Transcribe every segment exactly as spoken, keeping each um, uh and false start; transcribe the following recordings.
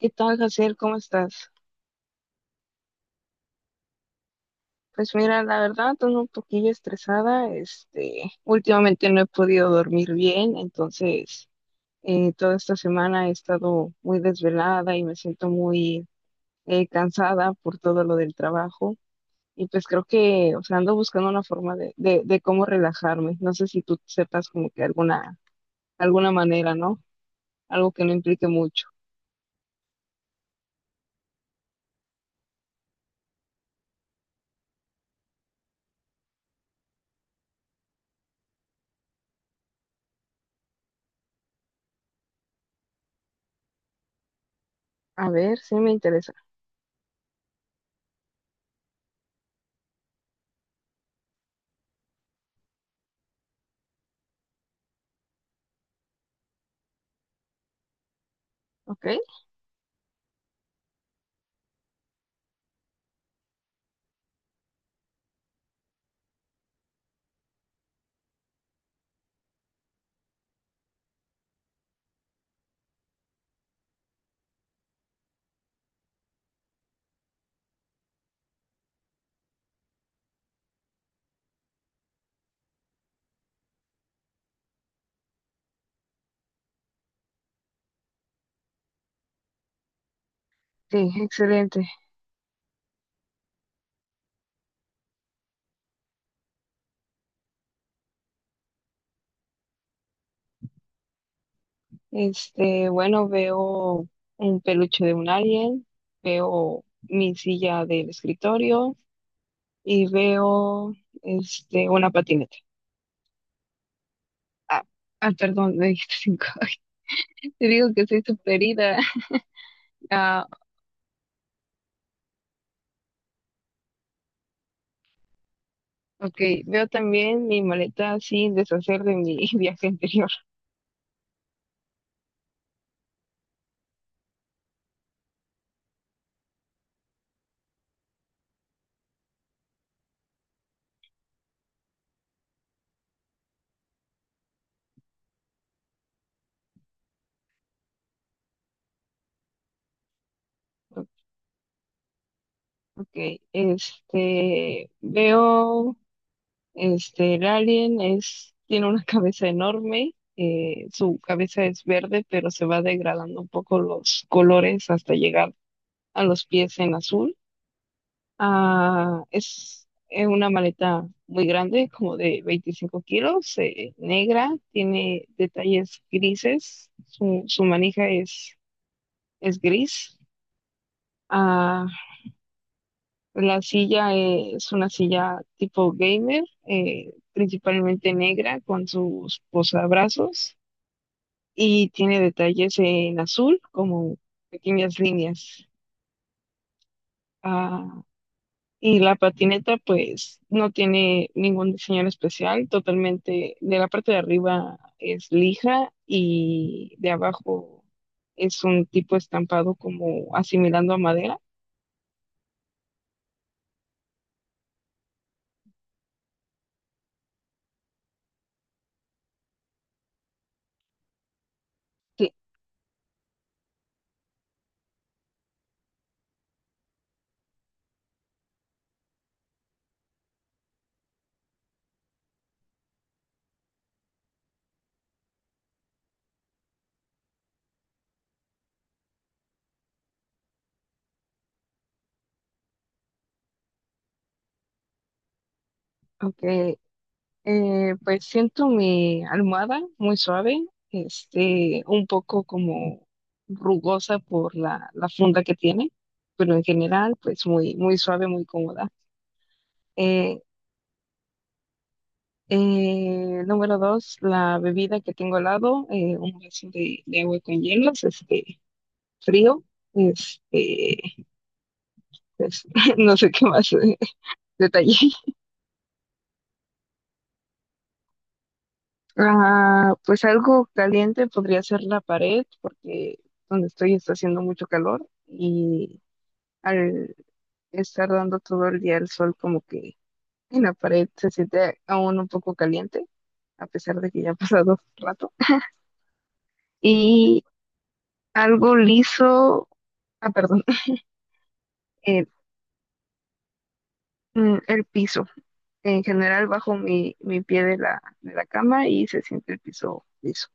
¿Qué tal, Jaciel? ¿Cómo estás? Pues mira, la verdad, ando un poquillo estresada. Este, últimamente no he podido dormir bien, entonces eh, toda esta semana he estado muy desvelada y me siento muy eh, cansada por todo lo del trabajo. Y pues creo que, o sea, ando buscando una forma de, de, de cómo relajarme. No sé si tú sepas como que alguna, alguna manera, ¿no? Algo que no implique mucho. A ver, sí me interesa. Ok. Sí, excelente. Este, bueno, veo un peluche de un alien, veo mi silla del escritorio y veo, este, una patineta. Ah, ah, perdón, me dijiste cinco. Te digo que soy súper ida. Ah, ok, veo también mi maleta sin deshacer de mi viaje anterior. Ok, este, veo Este, el alien es, tiene una cabeza enorme. Eh, su cabeza es verde, pero se va degradando un poco los colores hasta llegar a los pies en azul. Ah, es eh, una maleta muy grande, como de veinticinco kilos, eh, negra, tiene detalles grises, su, su manija es, es gris. Ah, la silla eh, es una silla tipo gamer, eh, principalmente negra con sus posabrazos, y tiene detalles en azul como pequeñas líneas. Ah, y la patineta pues no tiene ningún diseño en especial, totalmente de la parte de arriba es lija y de abajo es un tipo estampado como asimilando a madera. Sí, ok. Eh, pues siento mi almohada muy suave, este, un poco como rugosa por la, la funda que tiene, pero en general, pues muy, muy suave, muy cómoda. Eh, eh, Número dos, la bebida que tengo al lado, eh, un vaso de, de agua con hielos, este, frío, este, pues, no sé qué más, eh, detalle. Ah, pues algo caliente podría ser la pared, porque donde estoy está haciendo mucho calor y al estar dando todo el día el sol como que en la pared se siente aún un poco caliente, a pesar de que ya ha pasado rato. Y algo liso, ah, perdón, el, mm, el piso. En general bajo mi, mi pie de la, de la cama, y se siente el piso liso.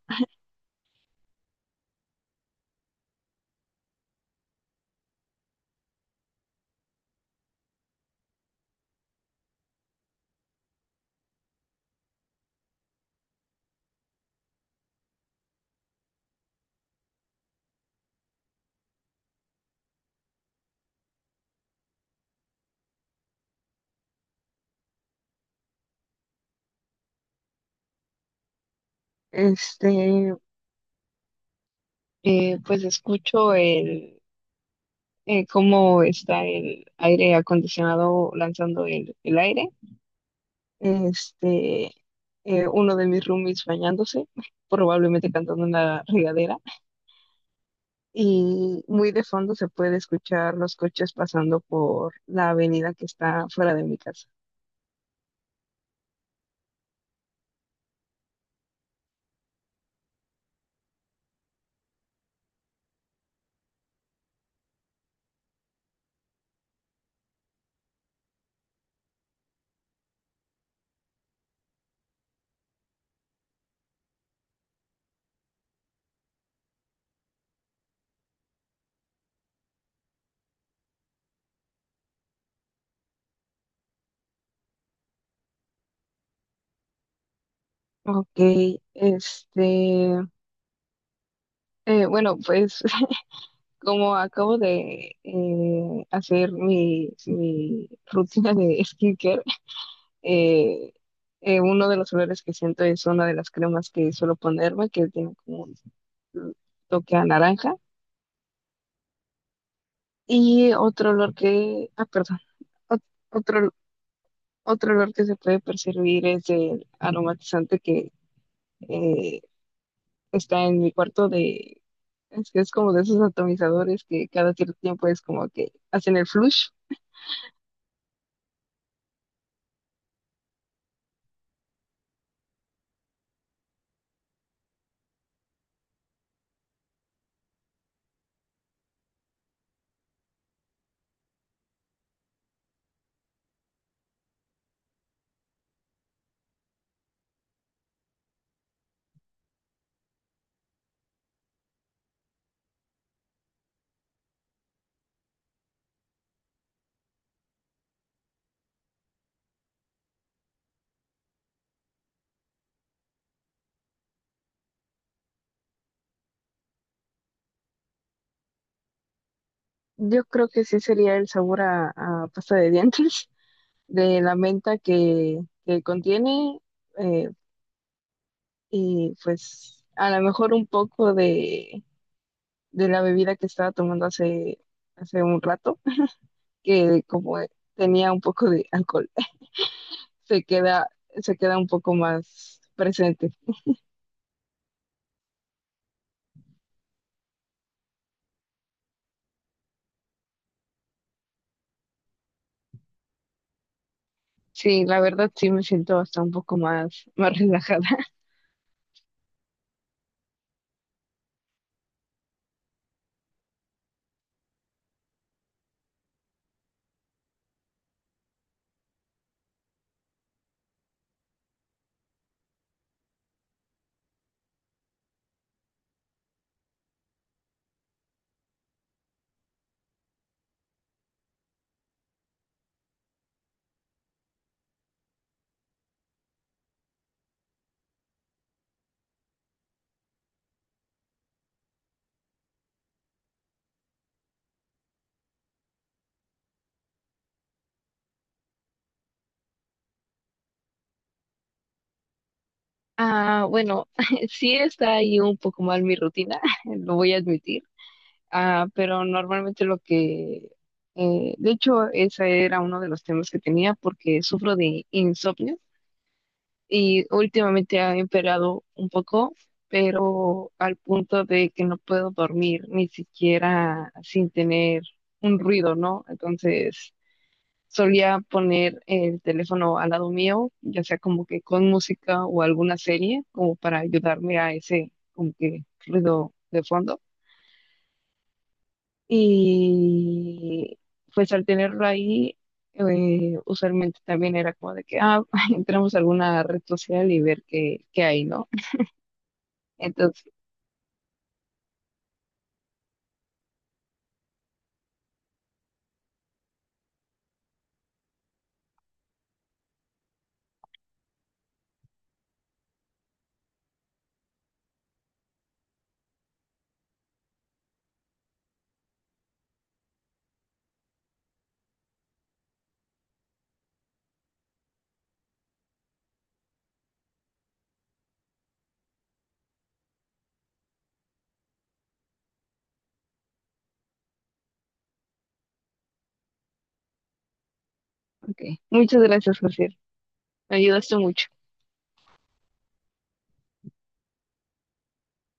Este, eh, pues escucho el eh, cómo está el aire acondicionado lanzando el, el aire. Este, eh, Uno de mis roomies bañándose, probablemente cantando en la regadera. Y muy de fondo se puede escuchar los coches pasando por la avenida que está fuera de mi casa. Ok, este, eh, bueno, pues como acabo de eh, hacer mi, mi rutina de skincare. Eh, eh, Uno de los olores que siento es una de las cremas que suelo ponerme, que tiene como un toque a naranja. Y otro olor que, ah, perdón, ot- otro, otro olor que se puede percibir es el aromatizante que eh, está en mi cuarto de, es que es como de esos atomizadores que cada cierto tiempo es como que hacen el flush. Yo creo que sí sería el sabor a, a pasta de dientes, de la menta que, que contiene, eh, y pues a lo mejor un poco de, de la bebida que estaba tomando hace, hace un rato, que como tenía un poco de alcohol, se queda, se queda un poco más presente. Sí, la verdad sí me siento hasta un poco más, más relajada. Ah, bueno, sí está ahí un poco mal mi rutina, lo voy a admitir. Ah, pero normalmente, lo que, eh, de hecho, ese era uno de los temas que tenía porque sufro de insomnio. Y últimamente ha empeorado un poco, pero al punto de que no puedo dormir ni siquiera sin tener un ruido, ¿no? Entonces solía poner el teléfono al lado mío, ya sea como que con música o alguna serie, como para ayudarme a ese como que ruido de fondo. Y pues al tenerlo ahí, eh, usualmente también era como de que, ah, entramos a alguna red social y ver qué, qué hay, ¿no? Entonces, ok. Muchas gracias, José. Me ayudaste mucho.